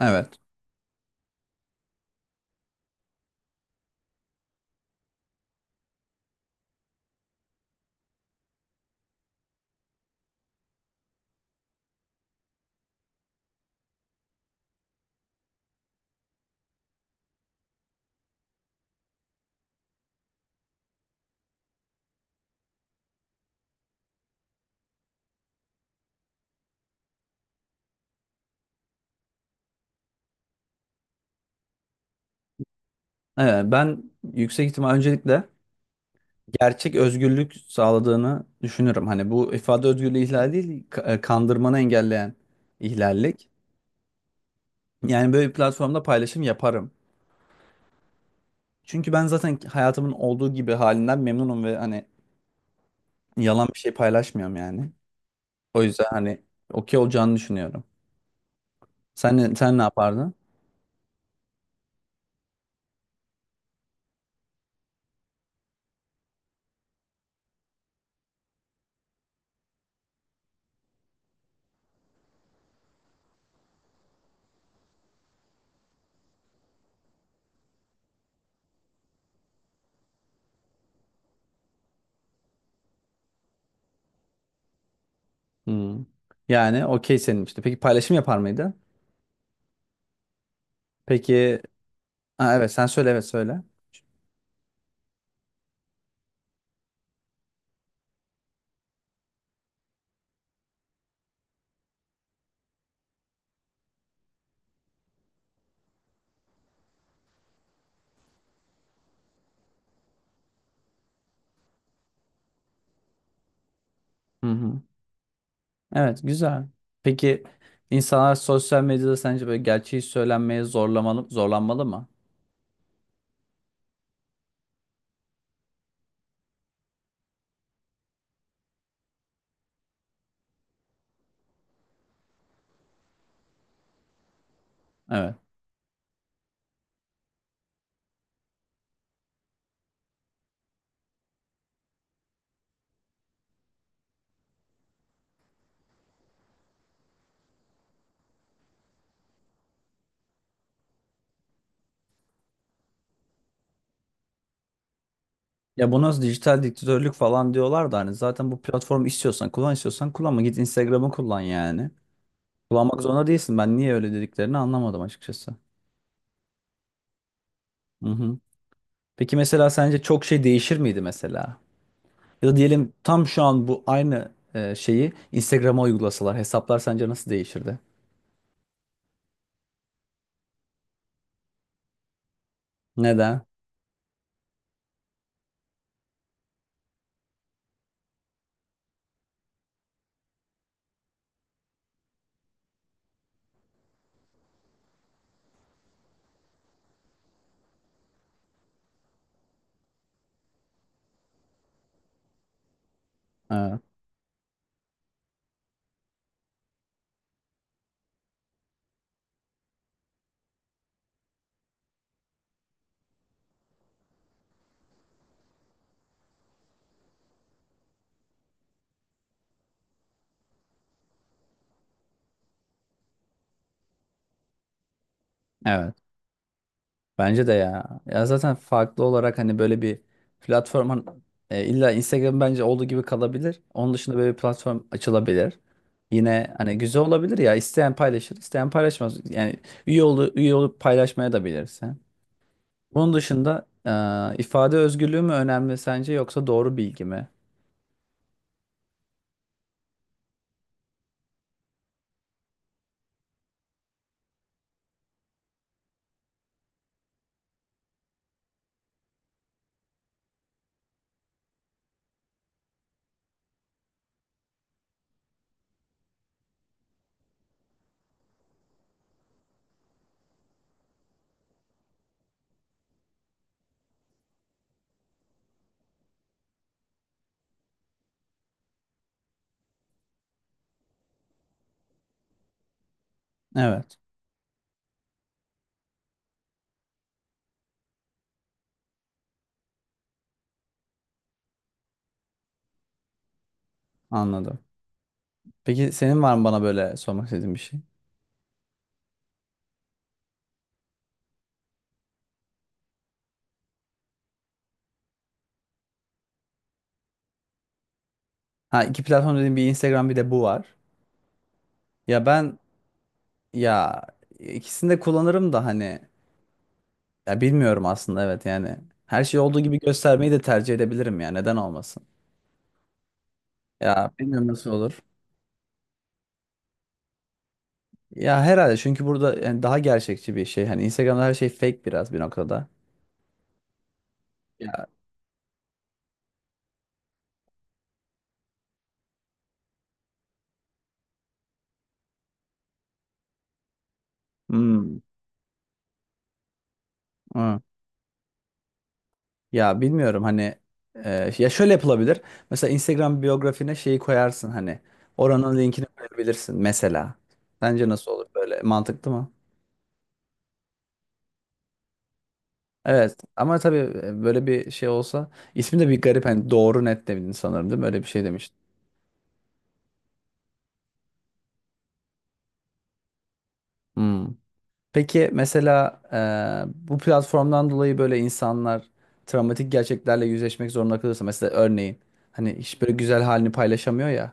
Evet. Evet, ben yüksek ihtimal öncelikle gerçek özgürlük sağladığını düşünürüm. Hani bu ifade özgürlüğü ihlali değil, kandırmanı engelleyen ihlallik. Yani böyle bir platformda paylaşım yaparım. Çünkü ben zaten hayatımın olduğu gibi halinden memnunum ve hani yalan bir şey paylaşmıyorum yani. O yüzden hani okey olacağını düşünüyorum. Sen, sen ne yapardın? Hmm. Yani okey senin işte. Peki paylaşım yapar mıydı? Peki, ha, evet sen söyle, evet söyle. Hı hı. Evet, güzel. Peki insanlar sosyal medyada sence böyle gerçeği söylenmeye zorlamalı, zorlanmalı mı? Evet. Ya bu nasıl dijital diktatörlük falan diyorlar da hani zaten bu platformu istiyorsan kullan, istiyorsan kullanma, git Instagram'ı kullan yani. Kullanmak zorunda değilsin. Ben niye öyle dediklerini anlamadım açıkçası. Hı hı. Peki mesela sence çok şey değişir miydi mesela? Ya da diyelim tam şu an bu aynı şeyi Instagram'a uygulasalar hesaplar sence nasıl değişirdi? Neden? Evet. Evet. Bence de ya. Ya zaten farklı olarak hani böyle bir platform hani, illa Instagram bence olduğu gibi kalabilir. Onun dışında böyle bir platform açılabilir. Yine hani güzel olabilir ya. İsteyen paylaşır, isteyen paylaşmaz. Yani üye olup paylaşmaya da bilirsin. Bunun dışında ifade özgürlüğü mü önemli sence yoksa doğru bilgi mi? Evet, anladım. Peki senin var mı bana böyle sormak istediğin bir şey? Ha iki platform dediğim bir Instagram bir de bu var. Ya ben, ya ikisini de kullanırım da hani. Ya bilmiyorum aslında, evet yani. Her şey olduğu gibi göstermeyi de tercih edebilirim ya. Neden olmasın? Ya bilmiyorum nasıl olur. Ya herhalde çünkü burada yani daha gerçekçi bir şey. Hani Instagram'da her şey fake biraz bir noktada. Ya hmm, hı. Ya bilmiyorum hani, ya şöyle yapılabilir. Mesela Instagram biyografine şeyi koyarsın hani, oranın linkini koyabilirsin mesela. Sence nasıl olur, böyle mantıklı mı? Evet ama tabii, böyle bir şey olsa ismi de bir garip hani, doğru net demedin sanırım değil mi? Öyle bir şey demiştin. Hmm. Peki mesela bu platformdan dolayı böyle insanlar travmatik gerçeklerle yüzleşmek zorunda kalırsa mesela örneğin hani hiç böyle güzel halini paylaşamıyor ya,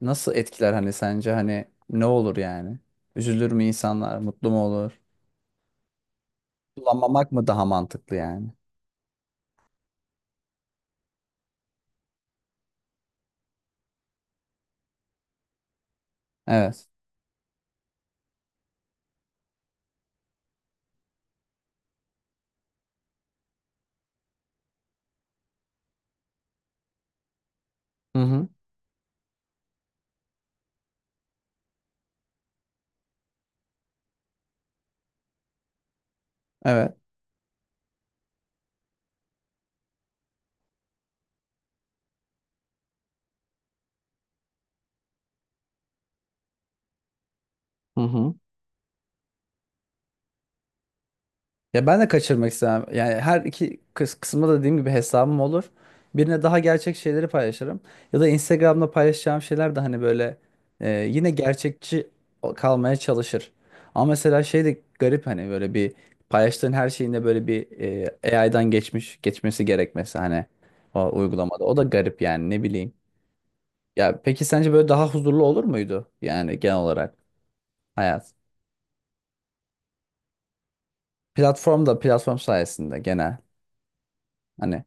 nasıl etkiler hani, sence hani ne olur yani? Üzülür mü insanlar? Mutlu mu olur? Kullanmamak mı daha mantıklı yani? Evet. Hı hı. Evet. Hı hı. Ya ben de kaçırmak istemem. Yani her iki kısımda da dediğim gibi hesabım olur. Birine daha gerçek şeyleri paylaşırım. Ya da Instagram'da paylaşacağım şeyler de hani böyle yine gerçekçi kalmaya çalışır. Ama mesela şey de garip hani, böyle bir paylaştığın her şeyinde böyle bir, AI'dan geçmiş geçmesi gerekmesi hani, o uygulamada. O da garip yani, ne bileyim. Ya peki sence böyle daha huzurlu olur muydu yani genel olarak hayat? Platform da platform sayesinde genel hani.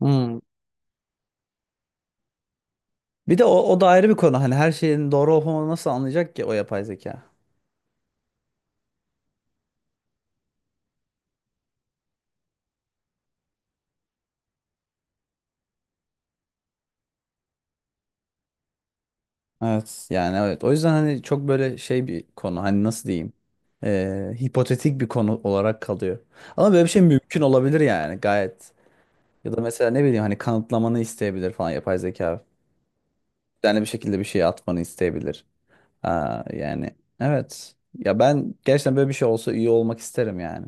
Hmm. Bir de o, o da ayrı bir konu. Hani her şeyin doğru olup olmadığını nasıl anlayacak ki o yapay zeka? Evet. Yani evet. O yüzden hani çok böyle şey bir konu. Hani nasıl diyeyim? Hipotetik bir konu olarak kalıyor. Ama böyle bir şey mümkün olabilir yani gayet. Ya da mesela ne bileyim hani kanıtlamanı isteyebilir falan yapay zeka. Yani bir şekilde bir şey atmanı isteyebilir. Aa, yani evet. Ya ben gerçekten böyle bir şey olsa iyi olmak isterim yani.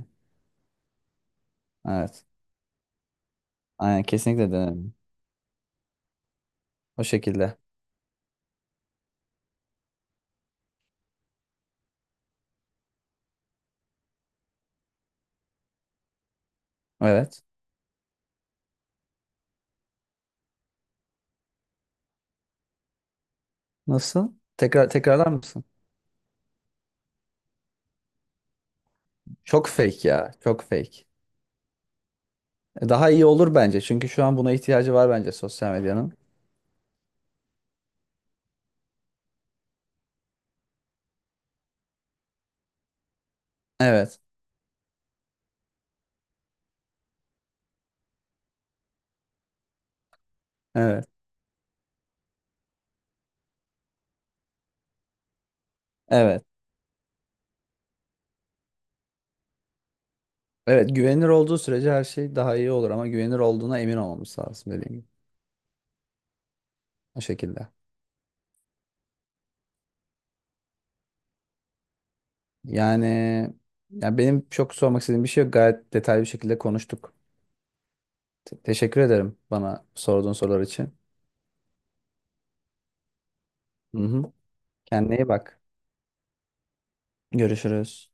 Evet. Aynen kesinlikle denerim. O şekilde. Evet. Nasıl? Tekrar tekrarlar mısın? Çok fake ya. Çok fake. Daha iyi olur bence. Çünkü şu an buna ihtiyacı var bence sosyal medyanın. Evet. Evet. Evet. Evet. Güvenilir olduğu sürece her şey daha iyi olur ama güvenilir olduğuna emin olmamız lazım dediğim gibi. O şekilde. Yani ya benim çok sormak istediğim bir şey yok. Gayet detaylı bir şekilde konuştuk. Teşekkür ederim bana sorduğun sorular için. Hı hı. Kendine iyi bak. Görüşürüz.